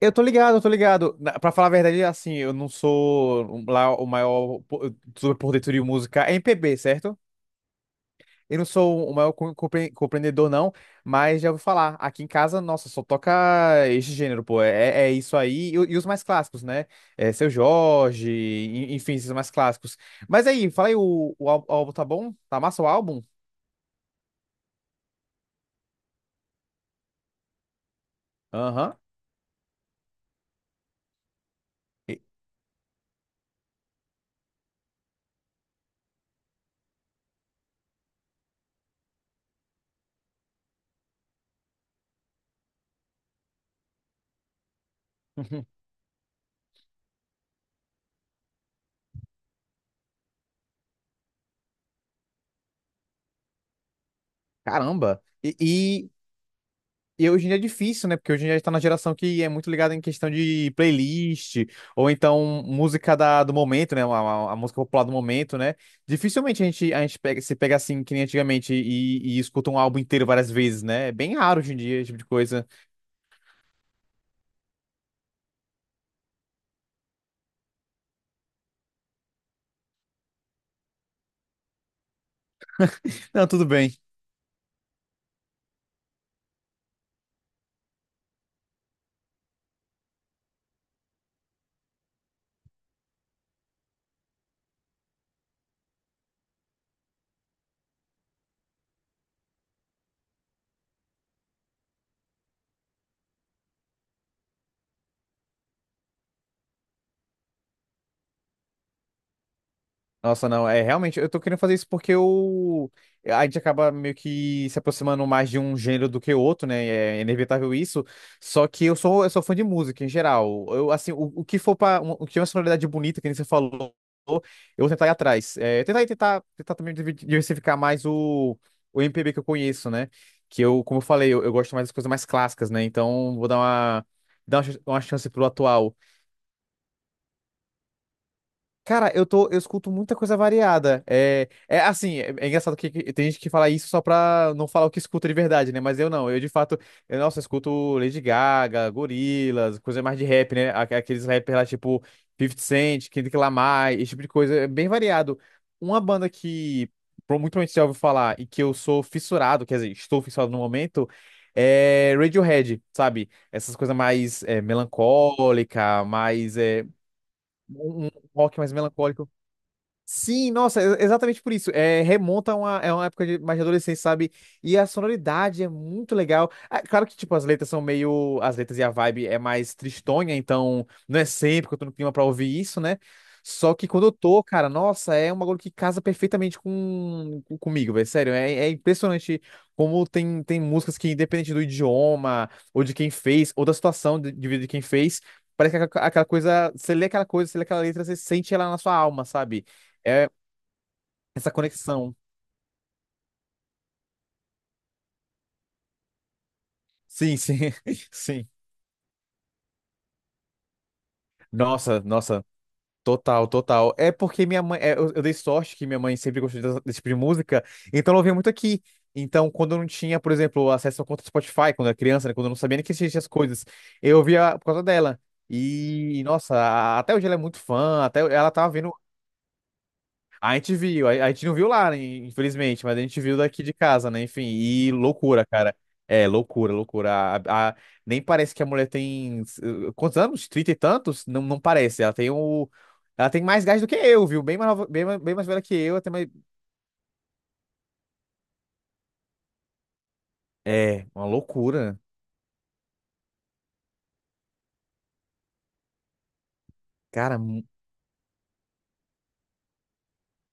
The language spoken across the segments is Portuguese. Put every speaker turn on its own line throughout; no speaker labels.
Eu tô ligado, eu tô ligado. Pra falar a verdade, assim, eu não sou lá o maior super por dentro de música é MPB, certo? Eu não sou o maior compreendedor, não, mas já ouvi falar. Aqui em casa, nossa, só toca esse gênero, pô. É, isso aí. E, e os mais clássicos, né? É, Seu Jorge, enfim, esses mais clássicos. Mas aí, fala aí, álbum tá bom? Tá massa o álbum? Aham. E- Caramba. E, E hoje em dia é difícil, né? Porque hoje em dia a gente tá na geração que é muito ligada em questão de playlist, ou então música do momento, né? A música popular do momento, né? Dificilmente a gente pega, se pega assim, que nem antigamente, e escuta um álbum inteiro várias vezes, né? É bem raro hoje em dia esse tipo de coisa. Não, tudo bem. Nossa, não, é realmente, eu tô querendo fazer isso porque eu, a gente acaba meio que se aproximando mais de um gênero do que outro, né? É inevitável isso. Só que eu sou fã de música em geral. Eu, assim, o que for para o que é uma sonoridade bonita, que nem você falou, eu vou tentar ir atrás. É, tentar, tentar, tentar também diversificar mais o MPB que eu conheço, né? Que eu, como eu falei, eu gosto mais das coisas mais clássicas, né? Então, vou dar uma, uma chance pro atual. Cara, eu tô, eu escuto muita coisa variada. É engraçado que tem gente que fala isso só pra não falar o que escuta de verdade, né? Mas eu não, eu de fato, eu, nossa, eu escuto Lady Gaga, Gorillaz, coisa mais de rap, né? Aqueles rappers lá tipo Fifty Cent, Kendrick Lamar, esse tipo de coisa, é bem variado. Uma banda que muito provavelmente você já ouviu falar e que eu sou fissurado, quer dizer, estou fissurado no momento, é Radiohead, sabe? Essas coisas mais é, melancólica, mais é, um rock mais melancólico. Sim, nossa, é exatamente por isso. É, remonta a uma, é uma época de mais de adolescência, sabe? E a sonoridade é muito legal. Ah, claro que, tipo, as letras são meio. As letras e a vibe é mais tristonha, então não é sempre que eu tô no clima pra ouvir isso, né? Só que quando eu tô, cara, nossa, é um bagulho que casa perfeitamente comigo, velho. Sério, é, é impressionante como tem, tem músicas que, independente do idioma, ou de quem fez, ou da situação de vida de quem fez, parece que aquela coisa. Você lê aquela coisa, você lê aquela letra, você sente ela na sua alma, sabe? É essa conexão. Sim, sim, sim. Nossa, nossa, total, total. É porque minha mãe, é, eu dei sorte que minha mãe sempre gostou desse tipo de música, então ela ouvia muito aqui. Então, quando eu não tinha, por exemplo, acesso à conta do Spotify, quando eu era criança, né, quando eu não sabia nem que existiam essas coisas, eu ouvia por causa dela. E, nossa, a- até hoje ela é muito fã, até ela tava vendo. A gente viu, a gente não viu lá, né, infelizmente, mas a gente viu daqui de casa, né? Enfim, e loucura, cara. É, loucura, loucura. A- nem parece que a mulher tem. Quantos anos? Trinta e tantos? Não, não parece. Ela tem o. Ela tem mais gás do que eu, viu? Bem mais, nova- bem mais velha que eu, até mais. É, uma loucura. Cara,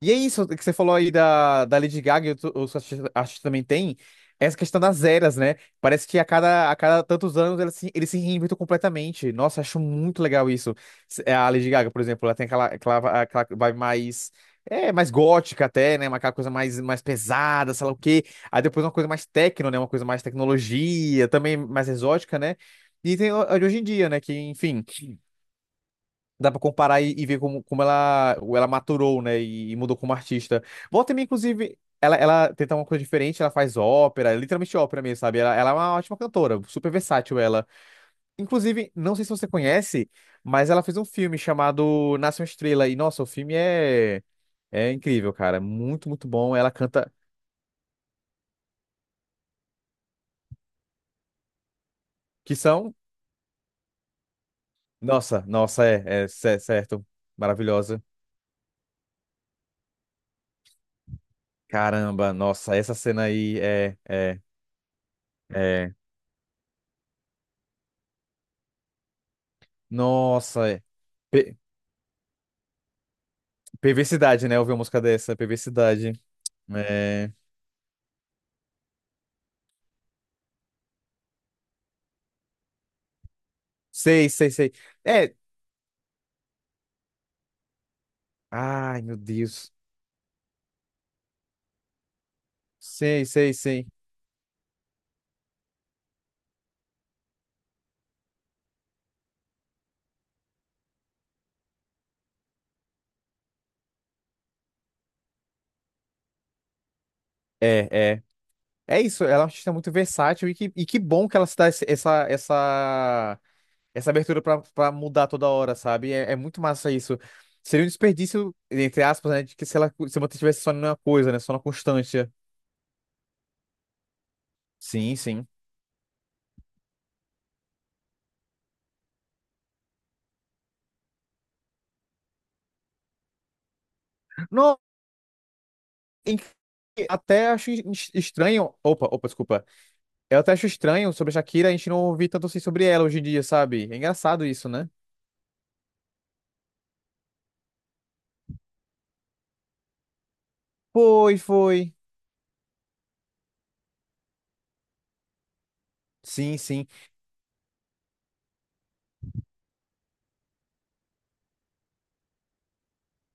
e é isso que você falou aí da Lady Gaga e outro- outros artistas também tem, essa questão das eras, né? Parece que a cada tantos anos eles se reinventam completamente. Nossa, acho muito legal isso. É, a Lady Gaga, por exemplo, ela tem aquela vibe mais, é, mais gótica até, né? Uma- Aquela coisa mais, mais pesada, sei lá o quê. Aí depois uma coisa mais techno, né? Uma coisa mais tecnologia, também mais exótica, né? E tem a de hoje em dia, né? Que, enfim. Dá pra comparar e ver como, como ela maturou, né? E mudou como artista. Volta também, inclusive, ela tenta uma coisa diferente, ela faz ópera, literalmente ópera mesmo, sabe? Ela é uma ótima cantora, super versátil ela. Inclusive, não sei se você conhece, mas ela fez um filme chamado Nasce uma Estrela. E, nossa, o filme é, é incrível, cara. Muito, muito bom. Ela canta. Que são. Nossa, nossa, é, certo. Maravilhosa. Caramba, nossa, essa cena aí é, é, é. Nossa, é. Perversidade, né? Ouvir uma música dessa, perversidade. É... Sei, sei, sei. É. Ai, meu Deus. Sei, sei, sei. É, é. É isso, ela é uma artista muito versátil e que bom que ela se dá essa abertura pra mudar toda hora, sabe? É, é muito massa isso. Seria um desperdício, entre aspas, né? De que se ela se mantivesse só numa coisa, né? Só na constância. Sim, sim. Não, em- até acho estranho. Opa, opa, desculpa. Eu até acho estranho sobre a Shakira, a gente não ouvir tanto assim sobre ela hoje em dia, sabe? É engraçado isso, né? Foi, foi. Sim, sim.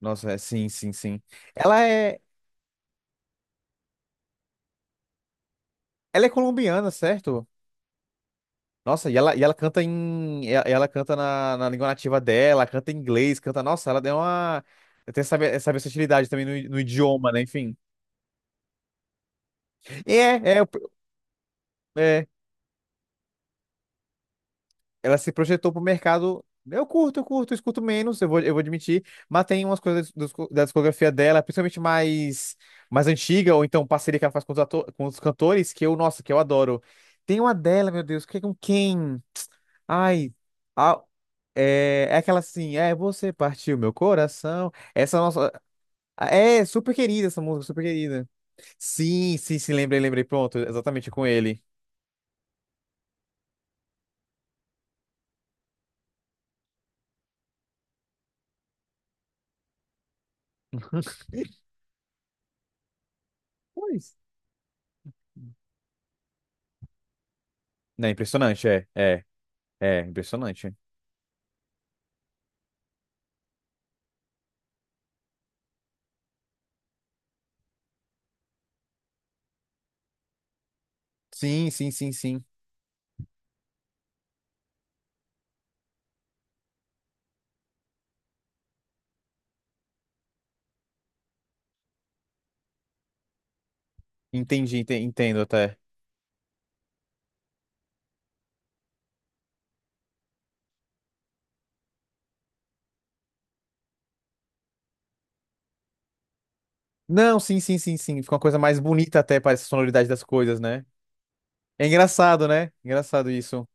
Nossa, é, sim, sim, sim. Ela é, ela é colombiana, certo? Nossa, e ela canta em, canta na língua nativa dela, canta em inglês, canta. Nossa, ela deu uma, tem essa versatilidade também no idioma, né? Enfim. É, é, é. Ela se projetou pro mercado. Eu curto, eu curto, eu escuto menos, eu vou admitir, mas tem umas coisas da discografia dela, principalmente mais, mais antiga, ou então parceria que ela faz com com os cantores, que eu, nossa, que eu adoro. Tem uma dela, meu Deus, que é com quem? Ai, a- é, é aquela assim, é, você partiu meu coração. Essa nossa. É, super querida essa música, super querida. Sim, sim, sim, lembrei, lembrei, pronto, exatamente com ele. Pois. Não, é impressionante, é, é, é, impressionante. Sim, sim, sim, sim. Entendi, entendo até. Não, sim, sim, sim, sim. Fica uma coisa mais bonita até, parece a sonoridade das coisas, né? É engraçado, né? Engraçado isso.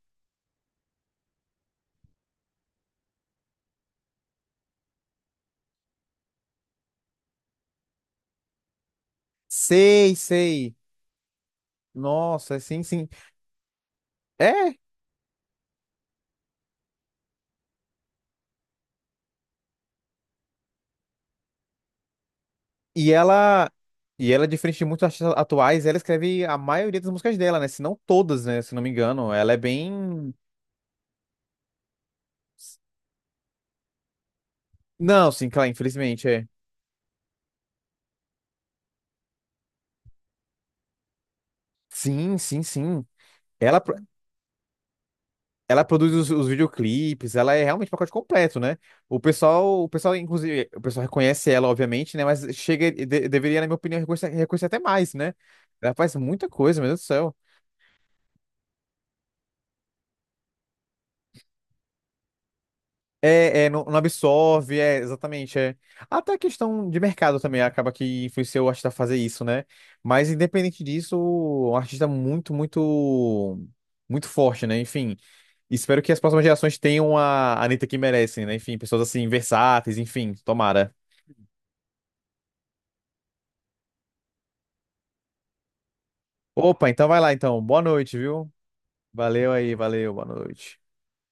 Sei, sei. Nossa, sim, sim. É, e ela. E ela, é diferente de muitos artistas atuais, ela escreve a maioria das músicas dela, né? Se não todas, né? Se não me engano. Ela é bem. Não, sim, claro, infelizmente, é. Sim, sim, sim. Ela, Ela produz os videoclipes, ela é realmente um pacote completo, né? O pessoal, inclusive, o pessoal reconhece ela, obviamente, né? Mas chega, deveria, na minha opinião, reconhecer, reconhecer até mais, né? Ela faz muita coisa, meu Deus do céu. É, é, não, não absorve, é, exatamente, é. Até a questão de mercado também acaba que influenciou o artista a fazer isso, né? Mas independente disso, um artista muito, muito, muito forte, né? Enfim, espero que as próximas gerações tenham a Anitta que merecem, né? Enfim, pessoas assim, versáteis, enfim, tomara. Opa, então vai lá então. Boa noite, viu? Valeu aí, valeu, boa noite.